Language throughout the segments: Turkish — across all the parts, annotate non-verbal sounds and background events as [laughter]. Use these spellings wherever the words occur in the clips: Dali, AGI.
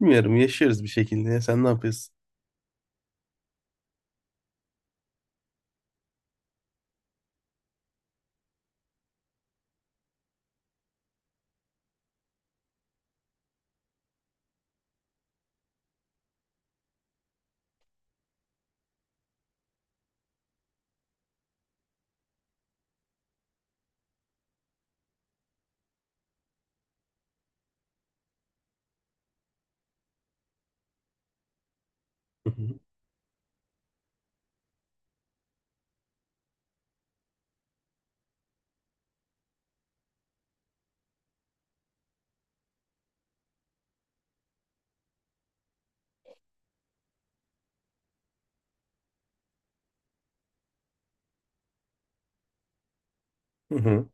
Bilmiyorum, yaşıyoruz bir şekilde ya. Sen ne yapıyorsun? Hı hı. Hı hı.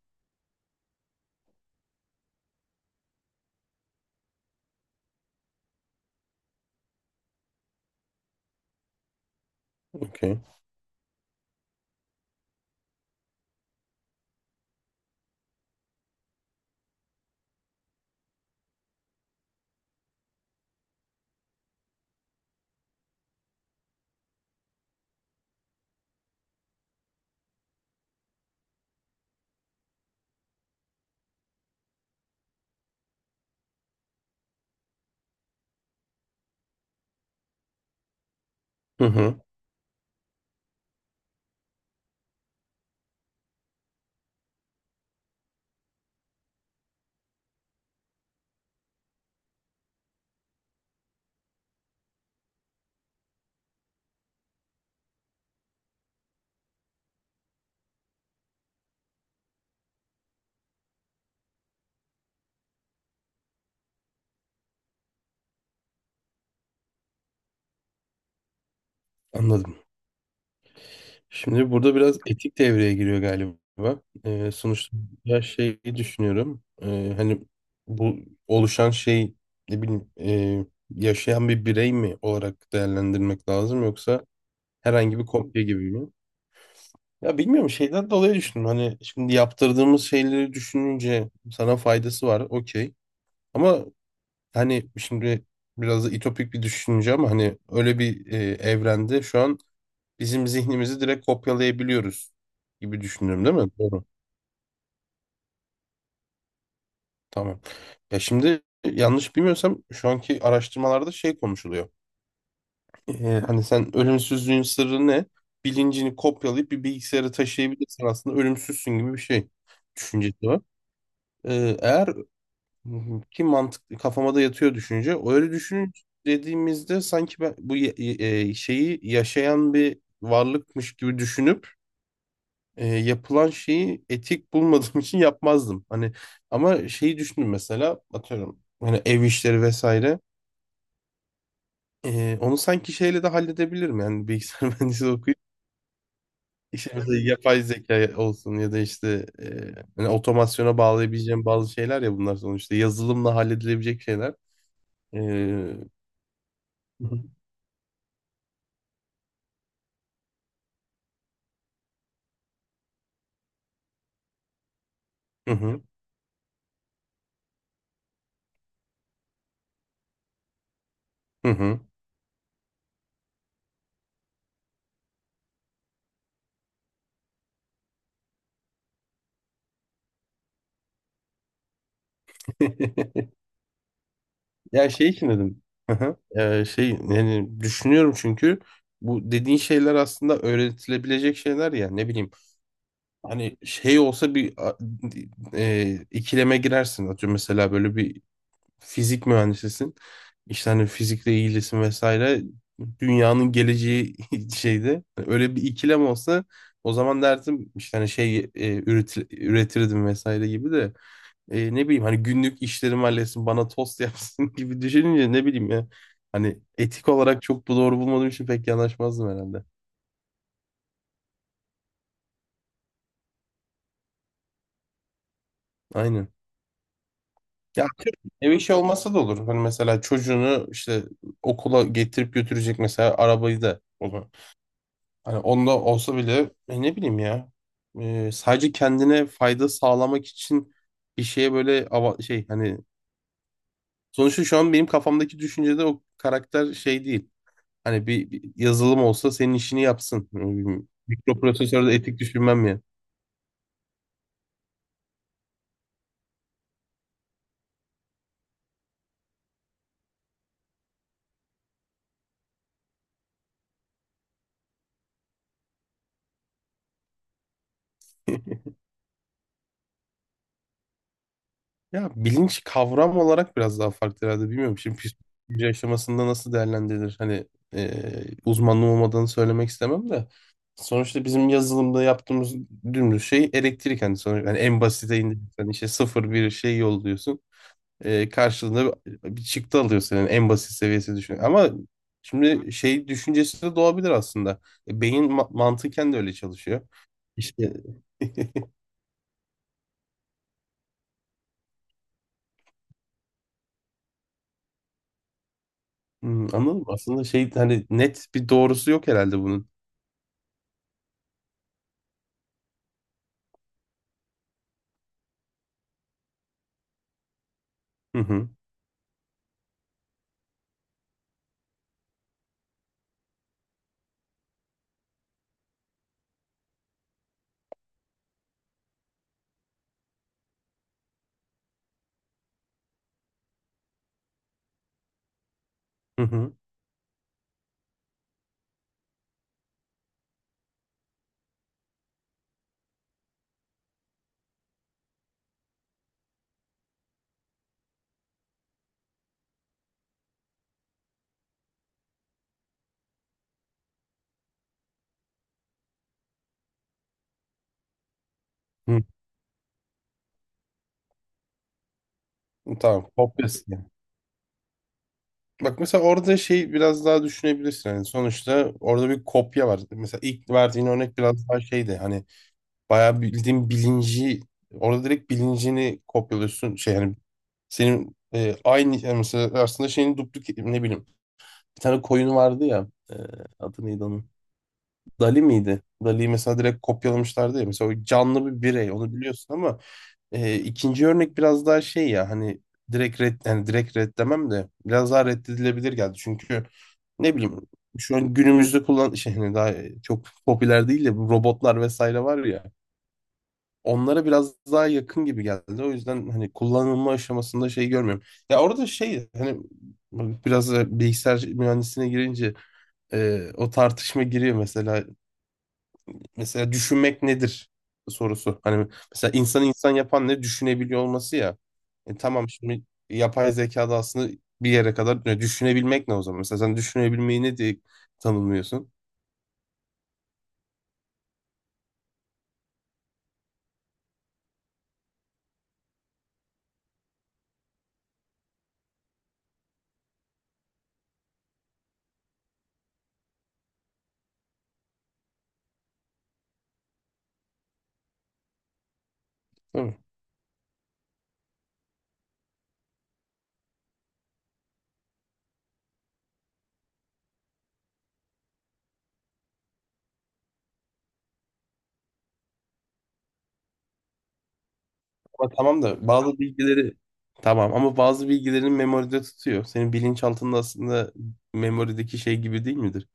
Okey. Hı hı. Anladım. Şimdi burada biraz etik devreye giriyor galiba. Sonuçta ya şeyi düşünüyorum. Hani bu oluşan şey ne bileyim yaşayan bir birey mi olarak değerlendirmek lazım, yoksa herhangi bir kopya gibi mi? Ya bilmiyorum, şeyden dolayı düşündüm. Hani şimdi yaptırdığımız şeyleri düşününce sana faydası var. Okey. Ama hani şimdi biraz da ütopik bir düşünce ama hani öyle bir evrende şu an bizim zihnimizi direkt kopyalayabiliyoruz gibi düşünüyorum değil mi? Doğru. Tamam. Ya şimdi yanlış bilmiyorsam şu anki araştırmalarda şey konuşuluyor. E, hani sen ölümsüzlüğün sırrı ne? Bilincini kopyalayıp bir bilgisayara taşıyabilirsin, aslında ölümsüzsün gibi bir şey düşüncesi var. E, eğer Hı hı. Ki mantıklı, kafama da yatıyor düşünce. Öyle düşünün dediğimizde sanki ben bu şeyi yaşayan bir varlıkmış gibi düşünüp yapılan şeyi etik bulmadığım [laughs] için yapmazdım. Hani ama şeyi düşündüm, mesela atıyorum hani ev işleri vesaire. Onu sanki şeyle de halledebilirim, yani bilgisayar [laughs] mühendisliği okuyup işte mesela yapay zeka olsun ya da işte hani otomasyona bağlayabileceğim bazı şeyler ya, bunlar sonuçta yazılımla halledilebilecek şeyler. E, [laughs] Hı hı. Hı hı. [laughs] Ya şey için dedim. Hı hı. Şey yani düşünüyorum çünkü bu dediğin şeyler aslında öğretilebilecek şeyler ya, ne bileyim hani şey olsa bir ikileme girersin, atıyorum mesela böyle bir fizik mühendisisin, işte hani fizikle ilgilisin vesaire, dünyanın geleceği [laughs] şeyde. Hani öyle bir ikilem olsa o zaman derdim işte hani şey üretirdim vesaire gibi de ne bileyim hani günlük işlerimi halletsin, bana tost yapsın [laughs] gibi düşününce, ne bileyim ya. Hani etik olarak çok bu doğru bulmadığım için pek yanaşmazdım herhalde. Aynen. Ya ev işi olmasa da olur. Hani mesela çocuğunu işte okula getirip götürecek, mesela arabayı da ona. Hani onda olsa bile ne bileyim ya. Sadece kendine fayda sağlamak için bir şeye böyle şey, hani sonuçta şu an benim kafamdaki düşüncede o karakter şey değil. Hani bir yazılım olsa senin işini yapsın. Mikroprosesörde etik düşünmem ya. [laughs] Ya bilinç kavram olarak biraz daha farklı herhalde, bilmiyorum. Şimdi psikoloji aşamasında nasıl değerlendirilir? Hani e, uzmanlığım olmadığını söylemek istemem de. Sonuçta bizim yazılımda yaptığımız dümdüz şey elektrik. Hani sonuçta yani en basite indirsen işte sıfır bir şey yolluyorsun. Karşılığında bir çıktı alıyor, senin en basit seviyesi düşün. Ama şimdi şey düşüncesi de doğabilir aslında. Beyin mantıken de öyle çalışıyor. İşte [laughs] anladım. Aslında şey hani net bir doğrusu yok herhalde bunun. Hı hı. Hı hı. Hı. Tamam. Kopyası, yani. Bak mesela orada şey biraz daha düşünebilirsin. Yani sonuçta orada bir kopya var. Mesela ilk verdiğin örnek biraz daha şeydi. Hani bayağı bildiğin bilinci, orada direkt bilincini kopyalıyorsun, şey yani senin aynı yani mesela aslında şeyin duplik ne bileyim, bir tane koyun vardı ya adı neydi onun, Dali miydi? Dali'yi mesela direkt kopyalamışlardı ya, mesela o canlı bir birey onu biliyorsun ama ikinci örnek biraz daha şey ya hani direkt red, yani direkt reddemem de biraz daha reddedilebilir geldi çünkü ne bileyim şu an günümüzde kullan şey, hani daha çok popüler değil de bu robotlar vesaire var ya, onlara biraz daha yakın gibi geldi. O yüzden hani kullanılma aşamasında şey görmüyorum. Ya orada şey hani biraz da bilgisayar mühendisliğine girince o tartışma giriyor mesela. Mesela düşünmek nedir sorusu. Hani mesela insan insan yapan ne, düşünebiliyor olması ya. Tamam şimdi yapay zekada aslında bir yere kadar düşünebilmek ne o zaman? Mesela sen düşünebilmeyi ne diye tanımlıyorsun? Değil mi? Ama tamam da bazı bilgileri, tamam ama bazı bilgilerin memoride tutuyor. Senin bilinçaltında aslında memorideki şey gibi değil midir?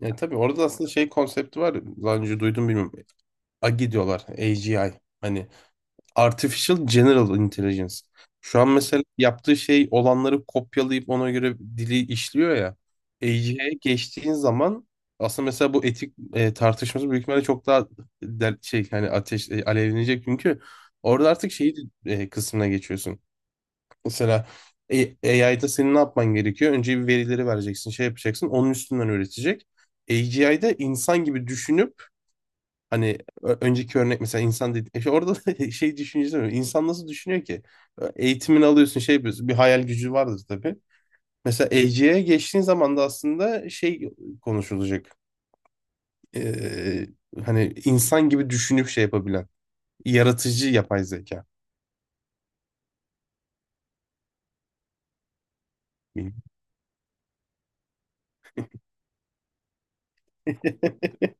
Yani tabii orada aslında şey konsepti var. Daha önce duydum, bilmiyorum. AGI diyorlar. A G I. Hani Artificial General Intelligence. Şu an mesela yaptığı şey olanları kopyalayıp ona göre dili işliyor ya. AI'ye geçtiğin zaman aslında mesela bu etik tartışması büyük ihtimalle çok daha şey hani ateş alevlenecek çünkü orada artık şeyi kısmına geçiyorsun. Mesela AI'da senin ne yapman gerekiyor? Önce bir verileri vereceksin, şey yapacaksın. Onun üstünden öğretecek. AGI'de insan gibi düşünüp, hani önceki örnek mesela insan dedi, işte orada da [laughs] şey düşüncesi var. İnsan nasıl düşünüyor ki? Eğitimini alıyorsun, şey yapıyorsun. Bir hayal gücü vardır tabii. Mesela EC'ye geçtiğin zaman da aslında şey konuşulacak. Ee, hani insan gibi düşünüp şey yapabilen. Yaratıcı yapay zeka. [laughs]